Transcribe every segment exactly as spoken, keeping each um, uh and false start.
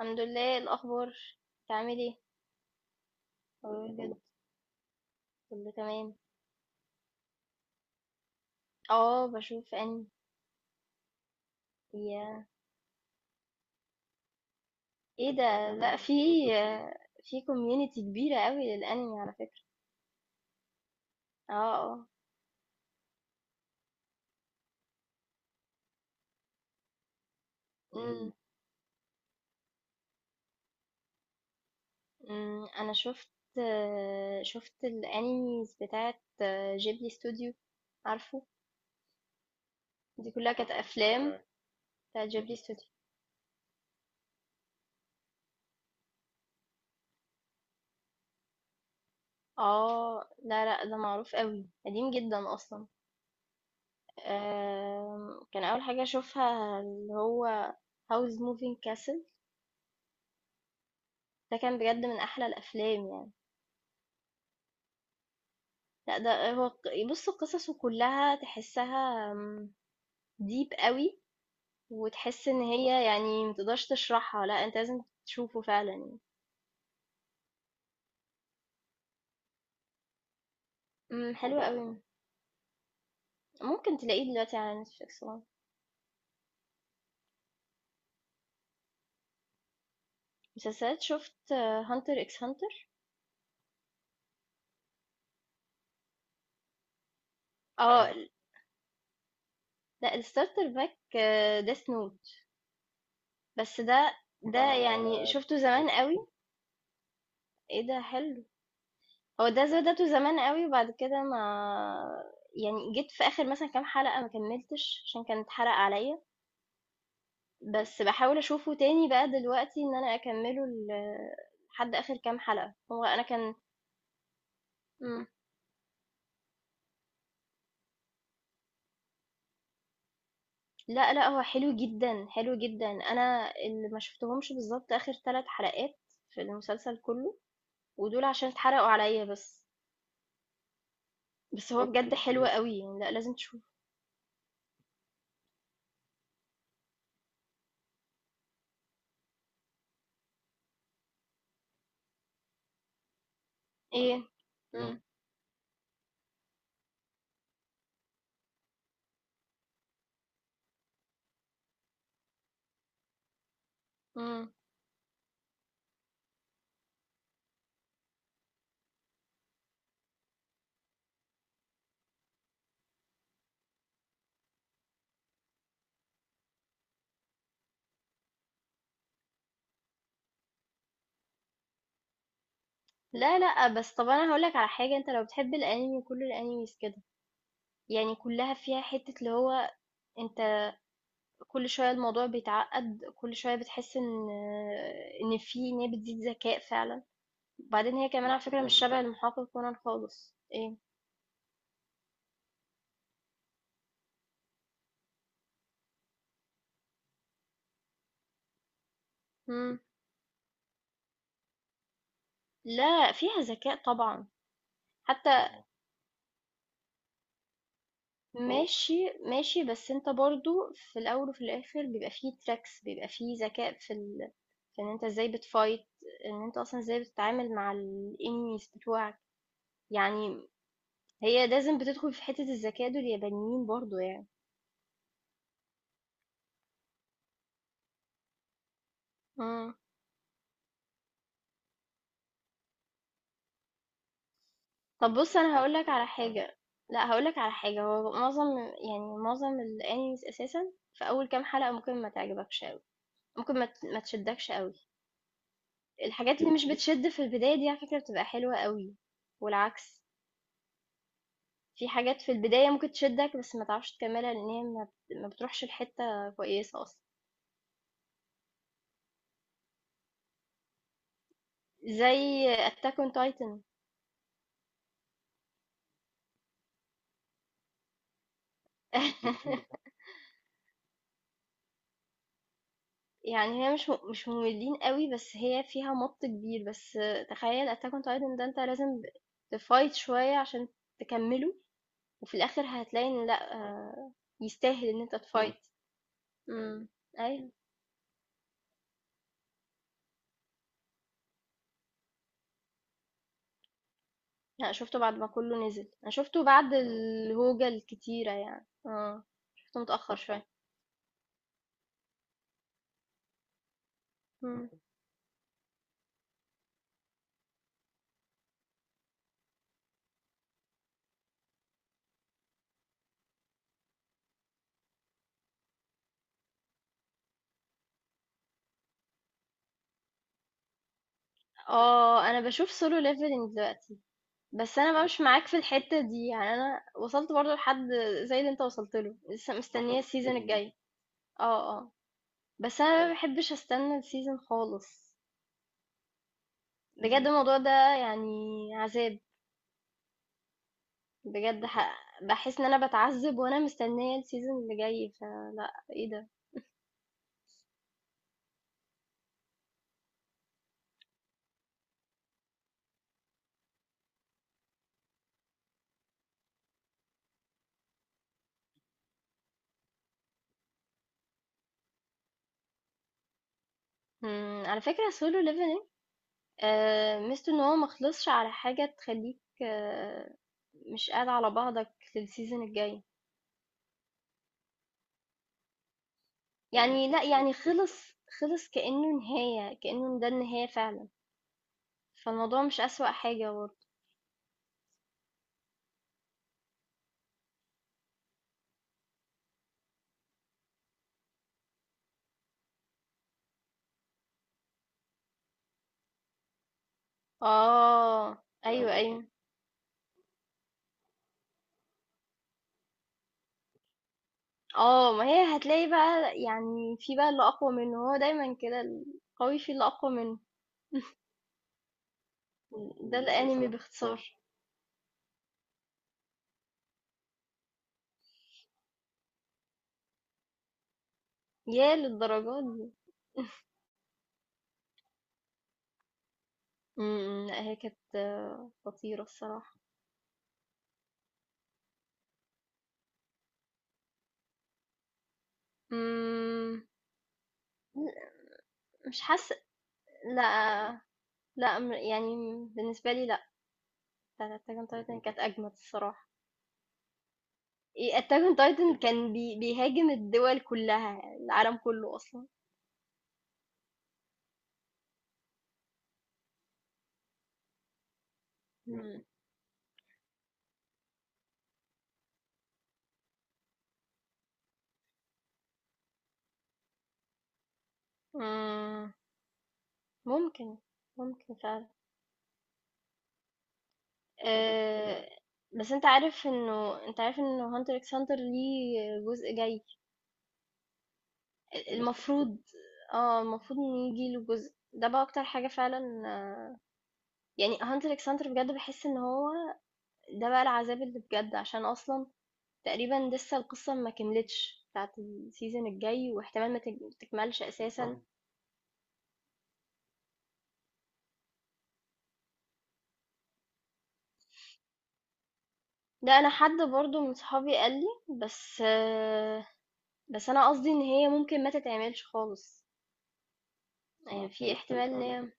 الحمد لله. إيه الاخبار؟ بتعمل ايه؟ اقول كده. كله تمام. اه، بشوف انمي. يا ايه ده؟ لا، في في كوميونتي كبيره قوي للانمي على فكره. اه، اه. أمم، أمم، انا شفت شفت الانميز بتاعت جيبلي ستوديو، عارفه؟ دي كلها كانت افلام بتاعت جيبلي ستوديو. اه، لا، لا، ده معروف قوي، قديم جدا اصلا. آمم، كان أول حاجة أشوفها اللي هو House Moving Castle. ده كان بجد من أحلى الأفلام يعني. لأ، ده هو ق- بص، قصصه كلها تحسها ديب قوي، وتحس إن هي يعني متقدرش تشرحها، لأ أنت لازم تشوفه فعلا يعني. أمم، حلو قوي، ممكن تلاقيه دلوقتي على نتفليكس طبعا. مسلسلات، شفت هانتر اكس هانتر. اه، حلو ال- لأ، الستارتر باك، ديث نوت، بس ده ده يعني شفته زمان قوي. ايه ده، حلو. هو ده بدأته زمان أوي، وبعد كده ما يعني جيت في آخر مثلًا كام حلقة، ما كمّلتش عشان كان اتحرق عليّا، بس باحاول أشوفه تاني بقى دلوقتي إن أنا أكمّله ل لحد آخر كام حلقة، هو أنا كان. إمم. لأ، لأ، هو حلو جدًا، حلو جدًا. أنا اللي ما شُفتهمش بالضبط آخر ثلاث حلقات في المسلسل كُلّه، ودول عشان اتحرقوا عليّا بس، بس هو بجد أوكي، حلو أوكي أوي يعني، لأ، لازم تشوفه. إيه؟ إمم. إمم، إمم. لا، لأ، بس طب أنا هاقول لك على حاجة، أنت لو بتحب الأنمي كل الأنيميز كده، يعني كلها فيها حتة اللي هو، أنت كل شوية الموضوع بيتعقد، كل شوية بتحس إن إن في إن هي بتزيد ذكاء فعلا، وبعدين هي كمان على فكرة مش شبه المحقق كونان خالص، إيه؟ مم. لا، فيها ذكاء طبعا، حتى. ماشي، ماشي، بس أنت برضو في الأول وفي الآخر بيبقى فيه تراكس، بيبقى فيه ذكاء في ال... في إن أنت إزاي بتفايت، إن أنت أصلا إزاي بتتعامل مع الإنميز بتوعك. يعني هي لازم بتدخل في حتة الذكاء دول، اليابانيين برضو يعني. امم. طب بص، انا هقولك على حاجة. لا، هقولك على حاجة، هو معظم يعني معظم الانيميز اساسا في اول كام حلقة ممكن ما تعجبكش قوي، ممكن ما ت- ما تشدكش قوي. الحاجات اللي مش بتشد في البداية دي على فكرة بتبقى حلوة قوي، والعكس، في حاجات في البداية ممكن تشدك بس ما تعرفش تكملها، لان هي ما ما بتروحش لحتة كويسة اصلا. زي اتاك اون تايتن. يعني هي مش م مش مملين أوي، بس هي فيها مَط كبير، بس تخيّل Attack on Titan ده أنت لازم ب تfight شوية عشان تكمّله، وفي الآخر هتلاقي إن لأ، آه، يستاهل إن أنت إمم. تfight. إمم. أيوه، لأ شُفته بعد ما كلّه نزل، أنا شُفته بعد الهوجة الكتيرة يعني، آه، شُفته متأخّر شوية. إمم. آه، أنا باشوف Solo Leveling دلوقتي، بس أنا بقى مش معاك في الحتّة دي، يعني أنا وصلت برضه لحد زي اللي أنت وصلت له، لسه مستنية الseason الجاي. آه، آه. بس انا ما بحبش استنى السيزون خالص، بجد الموضوع ده يعني عذاب. بجد ح... بحس ان انا بتعذب وانا مستنيه السيزون اللي جاي، فلا، ايه ده. مم. على فكره سولو ليفلينج آه ميزته ان هو مخلصش على حاجه تخليك، آه مش قاعد على بعضك للسيزون الجاي. يعني لا، يعني خلص، خلص كانه نهايه، كانه ده النهايه فعلا، فالموضوع مش اسوأ حاجه برضه. اه، ايوه، ايوه. اه، ما هي هتلاقي بقى يعني، في بقى اللي اقوى منه، هو دايما كده، القوي في اللي اقوى منه. ده الانمي بالظبط باختصار. يا للدرجات دي. امم لا، هي كانت آه، خطيرة الصراحة. امم. مش حاسة، لا، لا م- يعني بالنسبة لي لا. بتاعت اتاك اون تايتن كانت اجمد الصراحة. ايه، اتاك اون تايتن كان بي بيهاجم الدول كلها، العالم كله اصلا. مم. مم. ممكن، ممكن فعلا. آه، بس انت عارف انه انت عارف انه هانتر اكس هانتر ليه جزء جاي؟ المفروض. اه المفروض ان يجي له جزء، ده بقى اكتر حاجة فعلا، آه، يعني هانتر اكس هانتر بجد بحس ان هو ده بقى العذاب اللي بجد، عشان اصلا تقريبا لسه القصة ما كملتش بتاعت السيزون الجاي، واحتمال ما تك- تكملش اساسا. ده انا حد برضو من صحابي قال لي بس، آه، بس انا قصدي ان هي ممكن ما تتعملش خالص. يعني في احتمال ان هي،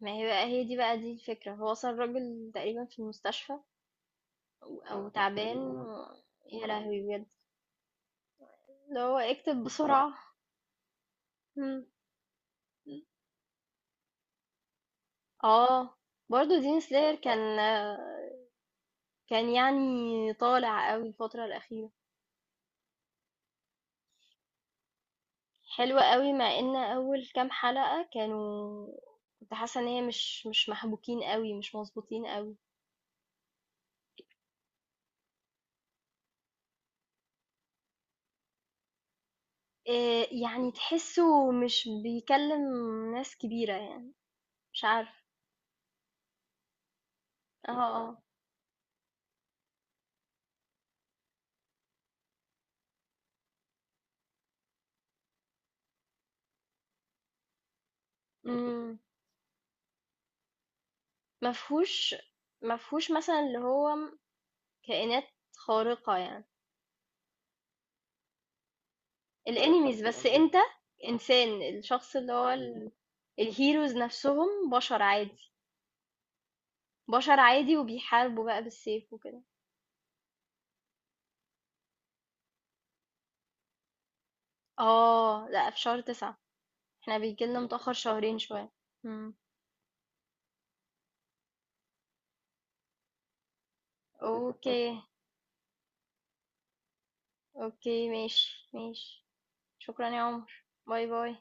ما هي بقى، هي دي بقى، دي الفكرة، هو وصل راجل تقريبا في المستشفى، أو تعبان و يا لهوي بجد، اللي هو اكتب بسرعة. مم. اه، برضو دين سلاير كان كان يعني طالع قوي الفترة الأخيرة. حلوة قوي، مع ان أول كام حلقة كانوا كنت حاسة ان هي مش مش محبوكين قوي، مش مظبوطين قوي. إيه يعني، تحسه مش بيكلم ناس كبيرة يعني، مش عارف. اه، اه. ما فيهوش ما فيهوش مثلًا اللي هو م كائنات خارقة يعني، الenemies بس قصدك أنت. إنسان، الشخص اللي هو آه. ال الheroes نَفْسهم بشر عادي، بشر عادي وبيحاربوا بقى بالسيف وكده. آه، لأ، في شهر تسعة. إحنا بييجي لنا متأخر شهرين شوية. إمم، أوكي، أوكي، ماشي، ماشي. شكرًا يا عمر. باي، باي.